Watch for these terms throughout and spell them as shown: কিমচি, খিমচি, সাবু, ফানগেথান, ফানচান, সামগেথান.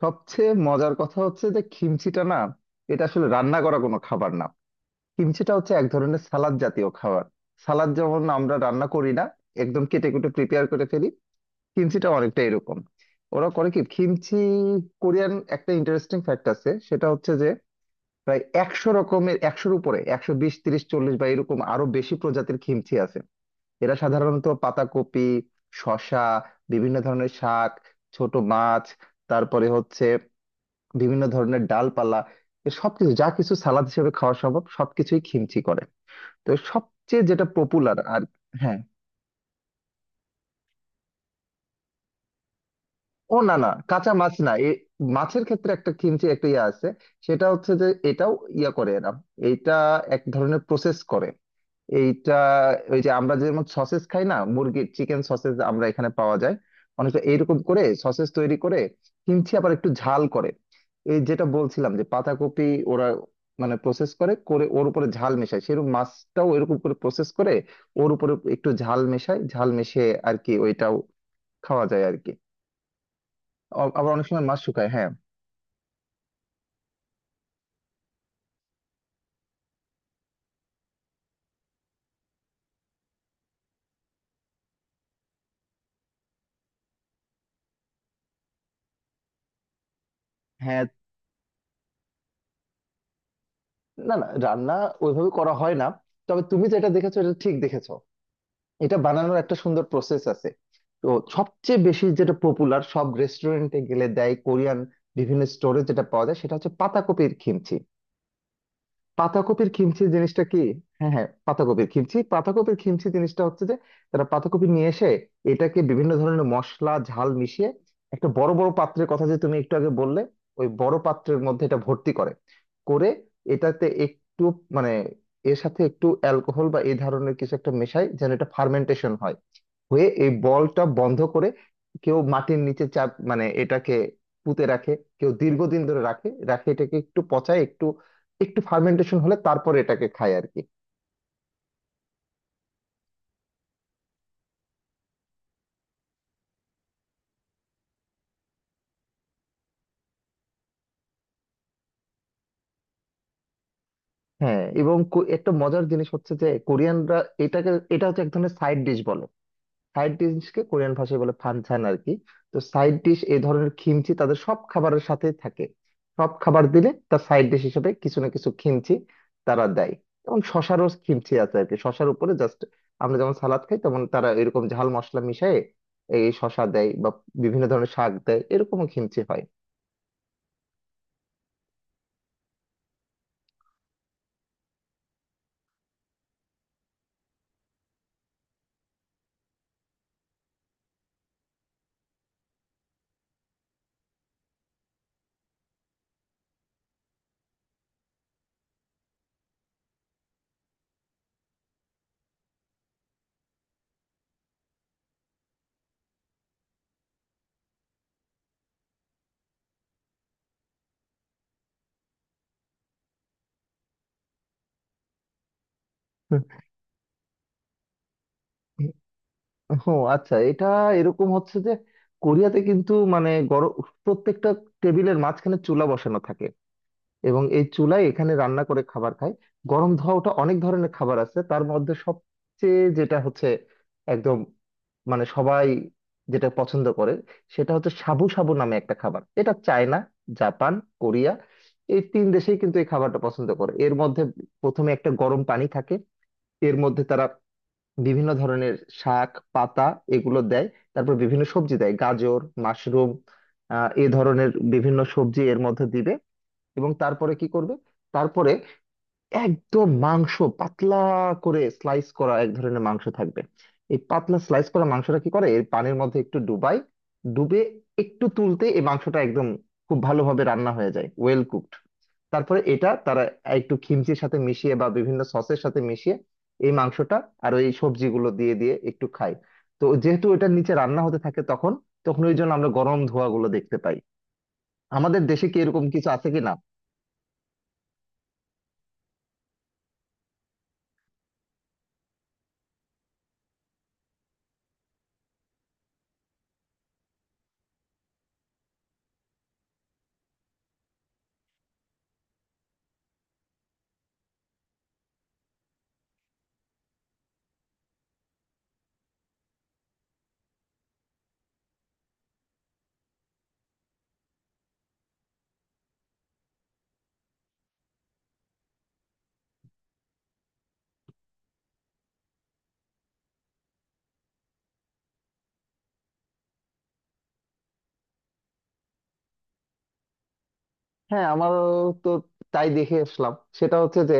সবচেয়ে মজার কথা হচ্ছে যে খিমচিটা না, এটা আসলে রান্না করা কোনো খাবার না। খিমচিটা হচ্ছে এক ধরনের সালাদ জাতীয় খাবার। সালাদ যেমন আমরা রান্না করি না, একদম কেটে কুটে প্রিপেয়ার করে ফেলি, খিমচিটা অনেকটা এরকম। ওরা করে কি খিমচি, কোরিয়ান একটা ইন্টারেস্টিং ফ্যাক্ট আছে, সেটা হচ্ছে যে প্রায় 100 রকমের, 100-এর উপরে, 120, 130, 140 বা এরকম আরো বেশি প্রজাতির খিমচি আছে। এরা সাধারণত পাতাকপি, শসা, বিভিন্ন ধরনের শাক, ছোট মাছ, তারপরে হচ্ছে বিভিন্ন ধরনের ডালপালা, এ সবকিছু, যা কিছু সালাদ হিসেবে খাওয়া সম্ভব সবকিছুই খিমচি করে। তো সবচেয়ে যেটা পপুলার আর হ্যাঁ, না না, কাঁচা মাছ না, এ মাছের ক্ষেত্রে একটা কিমচি, একটা ইয়ে আছে। সেটা হচ্ছে যে এটাও ইয়া করে এরা, এইটা এক ধরনের প্রসেস করে। এইটা ওই যে আমরা যেমন সসেস খাই না, মুরগির চিকেন সসেস আমরা এখানে পাওয়া যায়, অনেকটা এইরকম করে সসেস তৈরি করে। কিমচি আবার একটু ঝাল করে, এই যেটা বলছিলাম যে পাতাকপি, ওরা প্রসেস করে করে ওর উপরে ঝাল মেশায়, সেরকম মাছটাও এরকম করে প্রসেস করে ওর উপরে একটু ঝাল মেশায়, ঝাল মিশিয়ে আর কি, ওইটাও খাওয়া যায় আর কি। আবার অনেক সময় মাছ শুকায়। হ্যাঁ, হ্যাঁ, না না, রান্না ওইভাবে করা হয় না। তবে তুমি যেটা দেখেছো এটা ঠিক দেখেছো, এটা বানানোর একটা সুন্দর প্রসেস আছে। তো সবচেয়ে বেশি যেটা পপুলার, সব রেস্টুরেন্টে গেলে দেয় কোরিয়ান, বিভিন্ন স্টোরে যেটা পাওয়া যায়, সেটা হচ্ছে পাতাকপির কিমচি। পাতাকপির খিমচি জিনিসটা কি? হ্যাঁ হ্যাঁ, পাতাকপির খিমচি, পাতাকপির খিমচি জিনিসটা হচ্ছে যে তারা পাতাকপি নিয়ে এসে এটাকে বিভিন্ন ধরনের মশলা, ঝাল মিশিয়ে, একটা বড় বড় পাত্রের কথা যে তুমি একটু আগে বললে, ওই বড় পাত্রের মধ্যে এটা ভর্তি করে করে, এটাতে একটু মানে এর সাথে একটু অ্যালকোহল বা এই ধরনের কিছু একটা মেশায় যেন এটা ফার্মেন্টেশন হয়, হয়ে এই বলটা বন্ধ করে কেউ মাটির নিচে চাপ, মানে এটাকে পুঁতে রাখে, কেউ দীর্ঘদিন ধরে রাখে রাখে এটাকে, একটু পচায়, একটু একটু ফার্মেন্টেশন হলে তারপরে এটাকে খায় আর কি। হ্যাঁ, এবং একটা মজার জিনিস হচ্ছে যে কোরিয়ানরা এটাকে, এটা হচ্ছে এক ধরনের সাইড ডিশ বলে। সাইড ডিশকে কোরিয়ান ভাষায় বলে ফানচান আর কি। তো সাইড ডিশ, এই ধরনের খিমচি তাদের সব খাবারের সাথে থাকে। সব খাবার দিলে তার সাইড ডিশ হিসেবে কিছু না কিছু খিমচি তারা দেয়। এবং শশারও খিমচি আছে আর কি, শশার উপরে জাস্ট আমরা যেমন সালাদ খাই তেমন তারা এরকম ঝাল মশলা মিশিয়ে এই শশা দেয় বা বিভিন্ন ধরনের শাক দেয়, এরকমও খিমচি হয়। হুম। ও আচ্ছা, এটা এরকম হচ্ছে যে কোরিয়াতে কিন্তু গরম প্রত্যেকটা টেবিলের মাঝখানে চুলা বসানো থাকে এবং এই চুলায় এখানে রান্না করে খাবার খায়। গরম ধোয়া ওঠা অনেক ধরনের খাবার আছে, তার মধ্যে সবচেয়ে যেটা হচ্ছে একদম সবাই যেটা পছন্দ করে, সেটা হচ্ছে সাবু সাবু নামে একটা খাবার। এটা চায়না, জাপান, কোরিয়া, এই তিন দেশেই কিন্তু এই খাবারটা পছন্দ করে। এর মধ্যে প্রথমে একটা গরম পানি থাকে, এর মধ্যে তারা বিভিন্ন ধরনের শাক পাতা এগুলো দেয়। তারপর বিভিন্ন সবজি দেয়, গাজর, মাশরুম, এ ধরনের বিভিন্ন সবজি এর মধ্যে দিবে। এবং তারপরে কি করবে, তারপরে একদম মাংস, পাতলা করে স্লাইস করা এক ধরনের মাংস থাকবে। এই পাতলা স্লাইস করা মাংসটা কি করে, এর পানির মধ্যে একটু ডুবাই, ডুবে একটু তুলতে এই মাংসটা একদম খুব ভালোভাবে রান্না হয়ে যায়, ওয়েল কুকড। তারপরে এটা তারা একটু খিমচির সাথে মিশিয়ে বা বিভিন্ন সসের সাথে মিশিয়ে এই মাংসটা আর ওই সবজিগুলো দিয়ে দিয়ে একটু খাই। তো যেহেতু এটার নিচে রান্না হতে থাকে তখন, ওই জন্য আমরা গরম ধোঁয়া গুলো দেখতে পাই। আমাদের দেশে কি এরকম কিছু আছে কিনা? হ্যাঁ, আমারও তো তাই দেখে আসলাম। সেটা হচ্ছে যে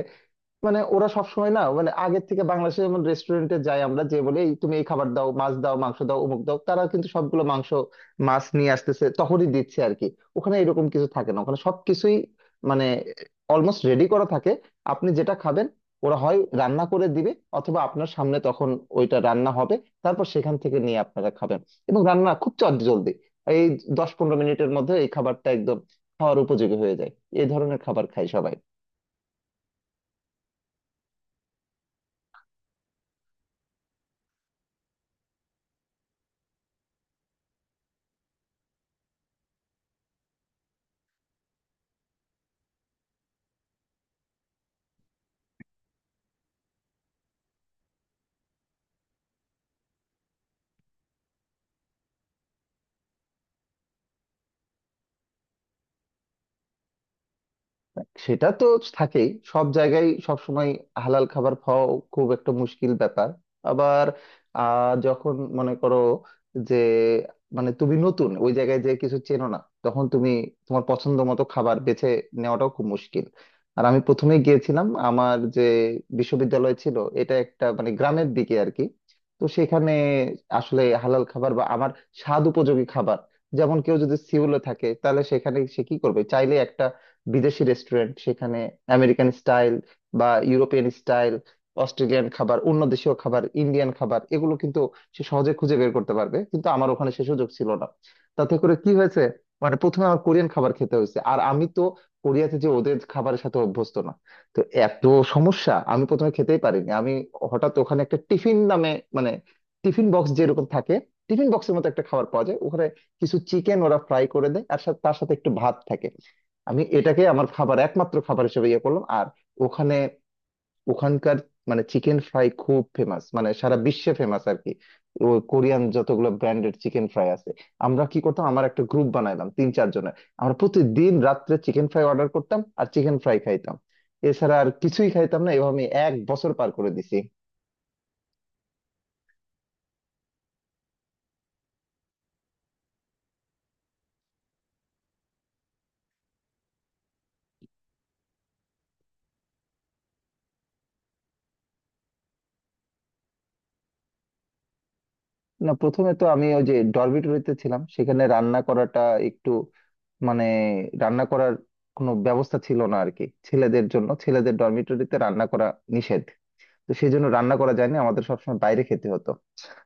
ওরা সবসময় না, মানে আগের থেকে বাংলাদেশে যেমন রেস্টুরেন্টে যাই আমরা, যে বলে "এই তুমি এই খাবার দাও, মাছ দাও, মাংস দাও, অমুক দাও", তারা কিন্তু সবগুলো মাংস মাছ নিয়ে আসতেছে, তখনই দিচ্ছে আর কি। ওখানে এরকম কিছু থাকে না, ওখানে সবকিছুই মানে অলমোস্ট রেডি করা থাকে। আপনি যেটা খাবেন ওরা হয় রান্না করে দিবে, অথবা আপনার সামনে তখন ওইটা রান্না হবে, তারপর সেখান থেকে নিয়ে আপনারা খাবেন। এবং রান্না খুব চটজলদি, এই 10-15 মিনিটের মধ্যে এই খাবারটা একদম খাওয়ার উপযোগী হয়ে যায়। এই ধরনের খাবার খায় সবাই। সেটা তো থাকেই সব জায়গায় সব সময়, হালাল খাবার খাওয়া খুব একটা মুশকিল ব্যাপার। আবার যখন মনে করো যে তুমি নতুন ওই জায়গায় যে কিছু চেনো না, তখন তুমি তোমার পছন্দ মতো খাবার বেছে নেওয়াটাও খুব মুশকিল। আর আমি প্রথমে গিয়েছিলাম, আমার যে বিশ্ববিদ্যালয় ছিল এটা একটা গ্রামের দিকে আর কি। তো সেখানে আসলে হালাল খাবার বা আমার স্বাদ উপযোগী খাবার, যেমন কেউ যদি সিউলে থাকে তাহলে সেখানে সে কি করবে, চাইলে বিদেশি রেস্টুরেন্ট সেখানে, আমেরিকান স্টাইল বা ইউরোপিয়ান স্টাইল, অস্ট্রেলিয়ান খাবার, অন্য দেশীয় খাবার, ইন্ডিয়ান খাবার, এগুলো কিন্তু সে সহজে খুঁজে বের করতে পারবে, কিন্তু আমার ওখানে সে সুযোগ ছিল না। তাতে করে কি হয়েছে, প্রথমে আমার কোরিয়ান খাবার খেতে হয়েছে, আর আমি তো কোরিয়াতে যে ওদের খাবারের সাথে অভ্যস্ত না। তো এত সমস্যা, আমি প্রথমে খেতেই পারিনি। হঠাৎ ওখানে একটা টিফিন নামে, মানে টিফিন বক্স যেরকম থাকে, টিফিন বক্সের মতো একটা খাবার পাওয়া যায় ওখানে, কিছু চিকেন ওরা ফ্রাই করে দেয় আর তার সাথে একটু ভাত থাকে। আমি এটাকে আমার খাবার, একমাত্র খাবার হিসেবে ইয়ে করলাম। আর ওখানে, ওখানকার চিকেন ফ্রাই খুব ফেমাস, মানে সারা বিশ্বে ফেমাস আর কি। ওই কোরিয়ান যতগুলো ব্র্যান্ডেড চিকেন ফ্রাই আছে, আমরা কি করতাম, আমার একটা গ্রুপ বানাইলাম 3-4 জনের, আমরা প্রতিদিন রাত্রে চিকেন ফ্রাই অর্ডার করতাম আর চিকেন ফ্রাই খাইতাম। এছাড়া আর কিছুই খাইতাম না, এভাবে আমি এক বছর পার করে দিছি। না প্রথমে তো আমি ওই যে ডরমিটরিতে ছিলাম, সেখানে রান্না করাটা একটু মানে রান্না করার কোনো ব্যবস্থা ছিল না আর কি ছেলেদের জন্য, ছেলেদের ডরমিটরিতে রান্না করা নিষেধ। তো সেই জন্য রান্না করা যায়নি, আমাদের সবসময় বাইরে খেতে হতো।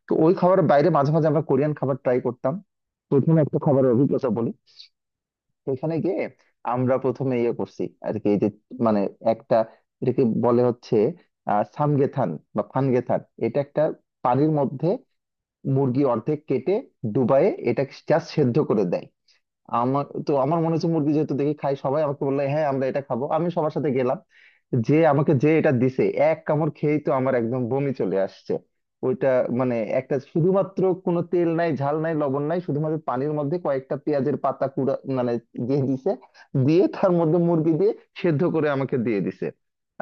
তো ওই খাবার বাইরে মাঝে মাঝে আমরা কোরিয়ান খাবার ট্রাই করতাম। প্রথমে একটা খাবারের অভিজ্ঞতা বলি, এখানে গিয়ে আমরা প্রথমে ইয়ে করছি আর কি, এই যে মানে একটা, এটাকে বলে হচ্ছে সামগেথান বা ফানগেথান। এটা একটা পানির মধ্যে মুরগি অর্ধেক কেটে ডুবায়ে এটাকে জাস্ট সেদ্ধ করে দেয়। আমার তো মনে হচ্ছে মুরগি যেহেতু দেখি, খাই সবাই আমাকে বললো হ্যাঁ আমরা এটা খাবো, আমি সবার সাথে গেলাম। যে আমাকে যে এটা দিছে, এক কামড় খেয়েই তো আমার একদম বমি চলে আসছে। ওইটা একটা শুধুমাত্র, কোনো তেল নাই, ঝাল নাই, লবণ নাই, শুধুমাত্র পানির মধ্যে কয়েকটা পেঁয়াজের পাতা কুড়া, মানে দিয়ে দিছে, দিয়ে তার মধ্যে মুরগি দিয়ে সেদ্ধ করে আমাকে দিয়ে দিছে।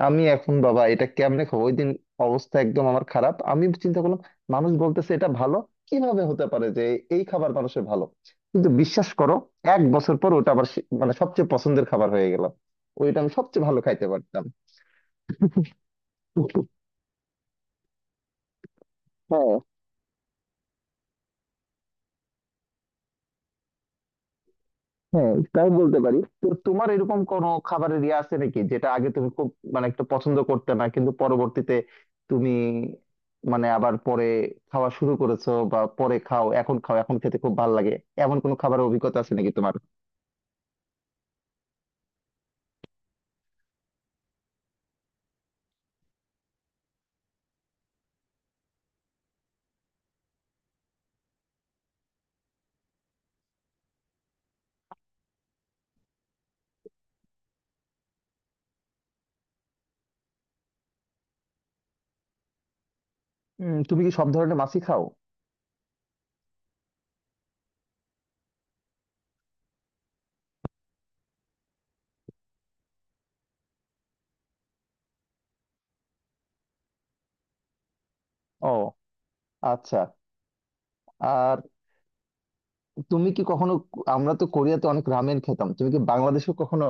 আমি এখন, বাবা এটা কেমনে খাবো? ওই দিন অবস্থা একদম আমার খারাপ। আমি চিন্তা করলাম মানুষ বলতেছে এটা ভালো, কিভাবে হতে পারে যে এই খাবার মানুষের ভালো? কিন্তু বিশ্বাস করো, এক বছর পর ওটা আবার মানে সবচেয়ে পছন্দের খাবার হয়ে গেল। ওইটা আমি সবচেয়ে ভালো খাইতে পারতাম। হ্যাঁ, হ্যাঁ তাই বলতে পারি। তো তোমার এরকম কোনো খাবারের ইয়ে আছে নাকি, যেটা আগে তুমি খুব একটু পছন্দ করতে না, কিন্তু পরবর্তীতে তুমি আবার পরে খাওয়া শুরু করেছো, বা পরে খাও, এখন খাও, এখন খেতে খুব ভালো লাগে, এমন কোনো খাবারের অভিজ্ঞতা আছে নাকি তোমার? তুমি কি সব ধরনের মাছই খাও? ও আচ্ছা। আর তুমি কি কখনো, আমরা তো কোরিয়াতে অনেক রামেন খেতাম, তুমি কি বাংলাদেশে কখনো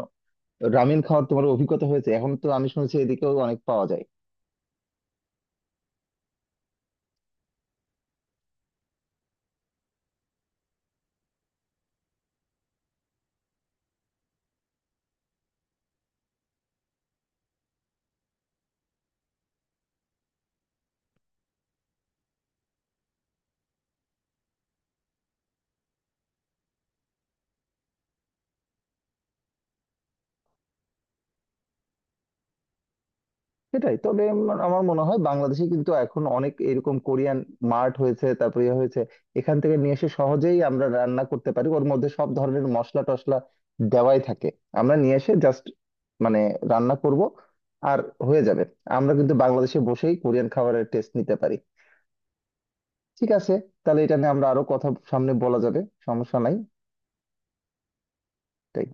রামেন খাওয়ার তোমার অভিজ্ঞতা হয়েছে? এখন তো আমি শুনছি এদিকেও অনেক পাওয়া যায়। সেটাই, তবে আমার আমার মনে হয় বাংলাদেশে কিন্তু এখন অনেক এরকম কোরিয়ান মার্ট হয়েছে, তারপরে ইয়ে হয়েছে, এখান থেকে নিয়ে এসে সহজেই আমরা রান্না করতে পারি, ওর মধ্যে সব ধরনের মশলা টশলা দেওয়াই থাকে। আমরা নিয়ে এসে জাস্ট মানে রান্না করব আর হয়ে যাবে। আমরা কিন্তু বাংলাদেশে বসেই কোরিয়ান খাবারের টেস্ট নিতে পারি। ঠিক আছে, তাহলে এটা নিয়ে আমরা আরো কথা সামনে বলা যাবে, সমস্যা নাই। তাই।